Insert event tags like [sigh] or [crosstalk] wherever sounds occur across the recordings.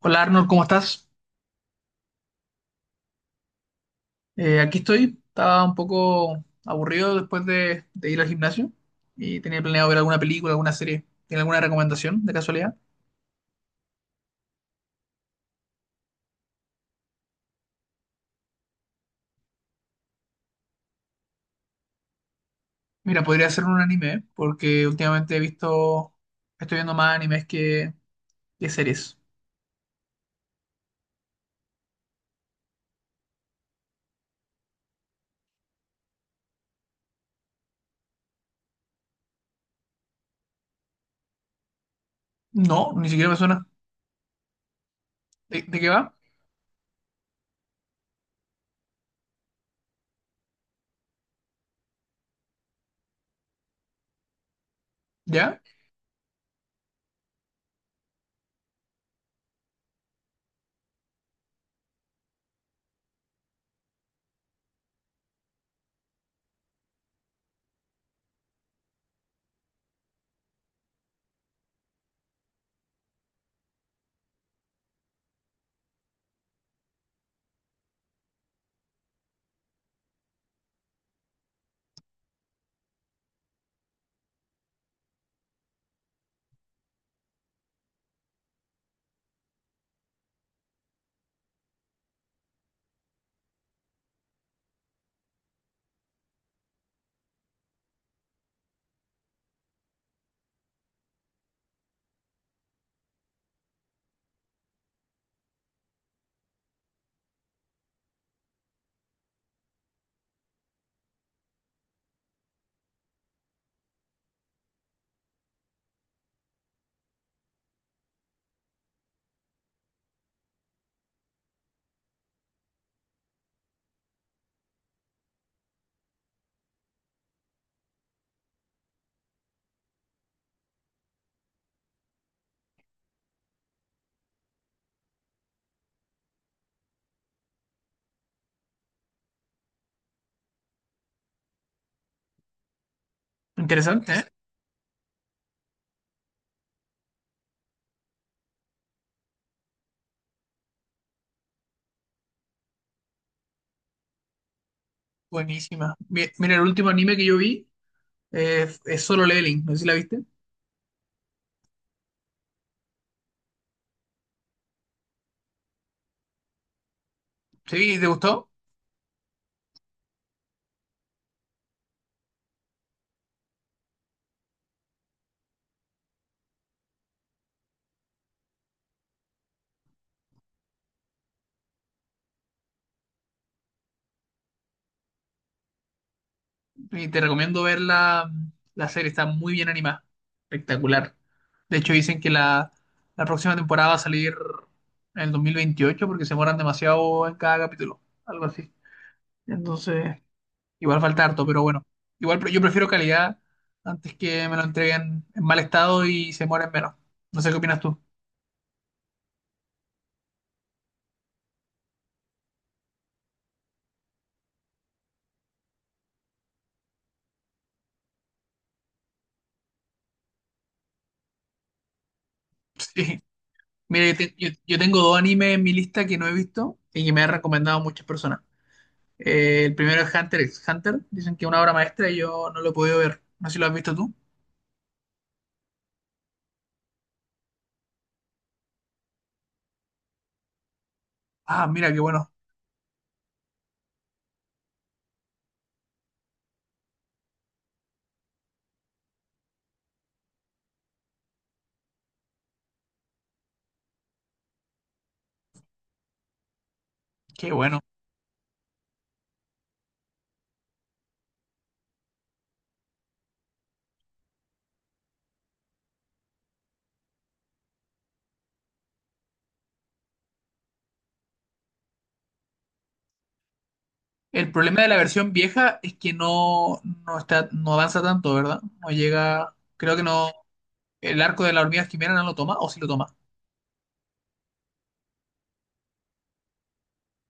Hola Arnold, ¿cómo estás? Aquí estoy. Estaba un poco aburrido después de ir al gimnasio y tenía planeado ver alguna película, alguna serie. ¿Tiene alguna recomendación de casualidad? Mira, podría ser un anime, ¿eh? Porque últimamente he estoy viendo más animes que series. No, ni siquiera me suena. ¿De qué va? ¿Ya? Interesante, ¿eh? Buenísima. Mira, el último anime que yo vi es Solo Leveling, no sé si la viste. ¿Sí? ¿Te gustó? Y te recomiendo ver la serie, está muy bien animada, espectacular. De hecho, dicen que la próxima temporada va a salir en el 2028 porque se demoran demasiado en cada capítulo, algo así. Entonces, igual falta harto, pero bueno. Igual yo prefiero calidad antes que me lo entreguen en mal estado y se mueren menos. No sé qué opinas tú. [laughs] Sí. Mira, yo tengo dos animes en mi lista que no he visto y que me han recomendado muchas personas. El primero es Hunter x Hunter. Dicen que es una obra maestra y yo no lo he podido ver. No sé si lo has visto tú. Ah, mira, qué bueno. Qué bueno. El problema de la versión vieja es que no está, no avanza tanto, ¿verdad? No llega. Creo que no. El arco de la hormiga quimera no lo toma, o sí lo toma.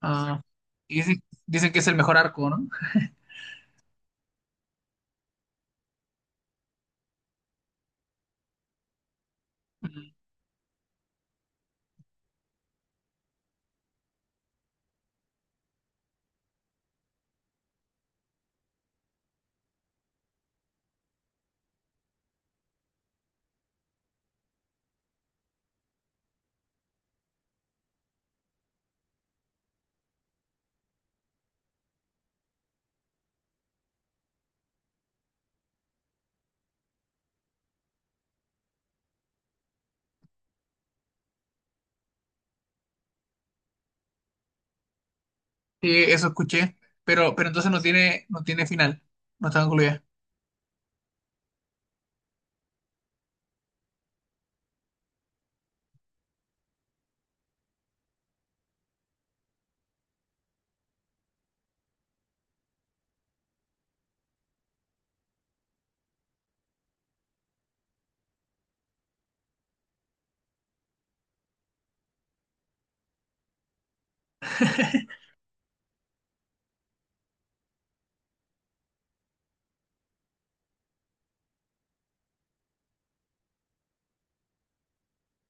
Ah, y dicen que es el mejor arco, ¿no? Mm. Sí, eso escuché. Pero, pero entonces no tiene final. No está concluida. [laughs]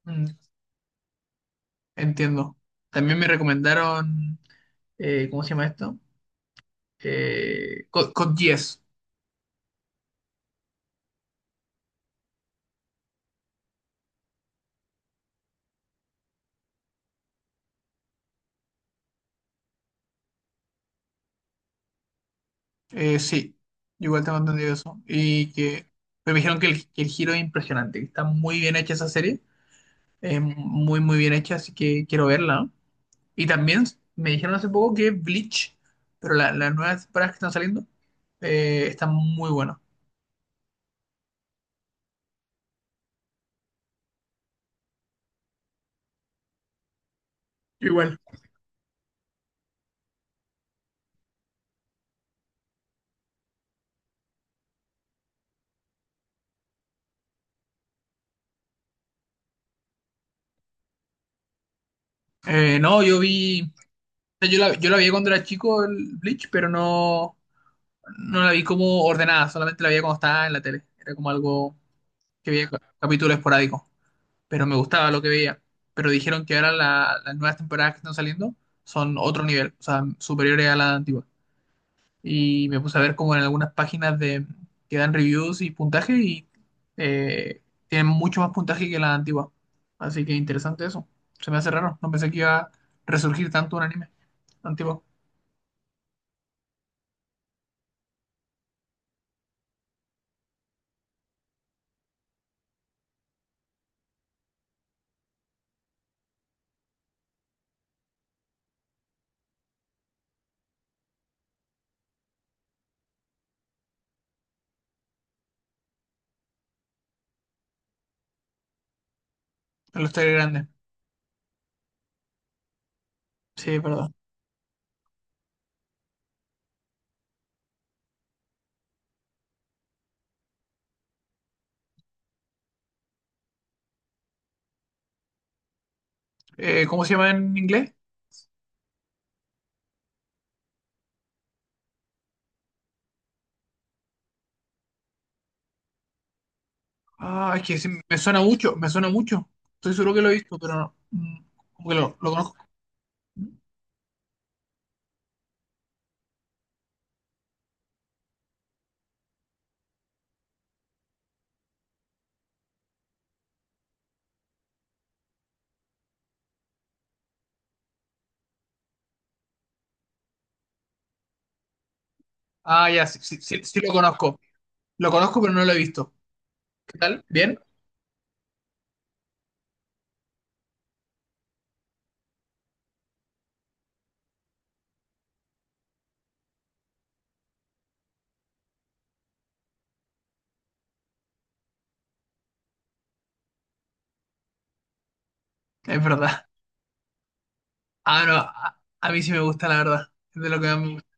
Mm, entiendo. También me recomendaron. ¿Cómo se llama esto? Con 10. Sí, igual tengo entendido eso. Y que pero me dijeron que que el giro es impresionante, que está muy bien hecha esa serie, muy bien hecha, así que quiero verla. ¿No? Y también me dijeron hace poco que Bleach, pero las nuevas temporadas que están saliendo, están muy buenas. Igual. No, yo vi, o sea, yo la vi cuando era chico el Bleach, no la vi como ordenada, solamente la veía cuando estaba en la tele. Era como algo que veía capítulo esporádico, pero me gustaba lo que veía. Pero dijeron que ahora las nuevas temporadas que están saliendo son otro nivel, o sea, superiores a la antigua. Y me puse a ver como en algunas páginas que dan reviews y puntaje y eh, tienen mucho más puntaje que la antigua. Así que interesante eso. Se me hace raro, no pensé que iba a resurgir tanto un anime antiguo en los series grandes. Sí, es verdad. ¿Cómo se llama en inglés? Ah, es que sí, me suena mucho, me suena mucho. Estoy seguro que lo he visto, pero no, mm, como que lo conozco. Ah, ya, sí, sí, sí, sí lo conozco. Lo conozco, pero no lo he visto. ¿Qué tal? ¿Bien? Es verdad. Ah, no, a mí sí me gusta, la verdad. Es de lo que más me gusta.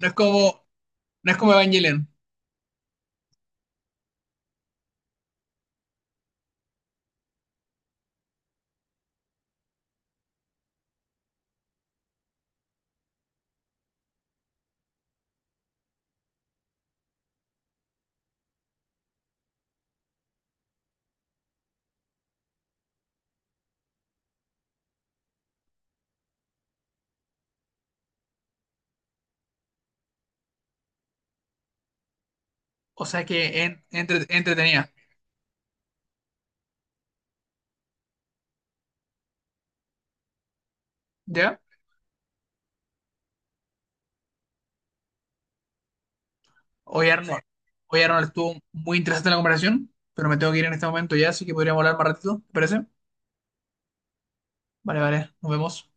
No es como, no es como Evangelion. O sea que entretenida. ¿Ya? Oye, Arnold, estuvo muy interesante la comparación, pero me tengo que ir en este momento ya, así que podríamos hablar más ratito. ¿Te parece? Vale, vale, nos vemos.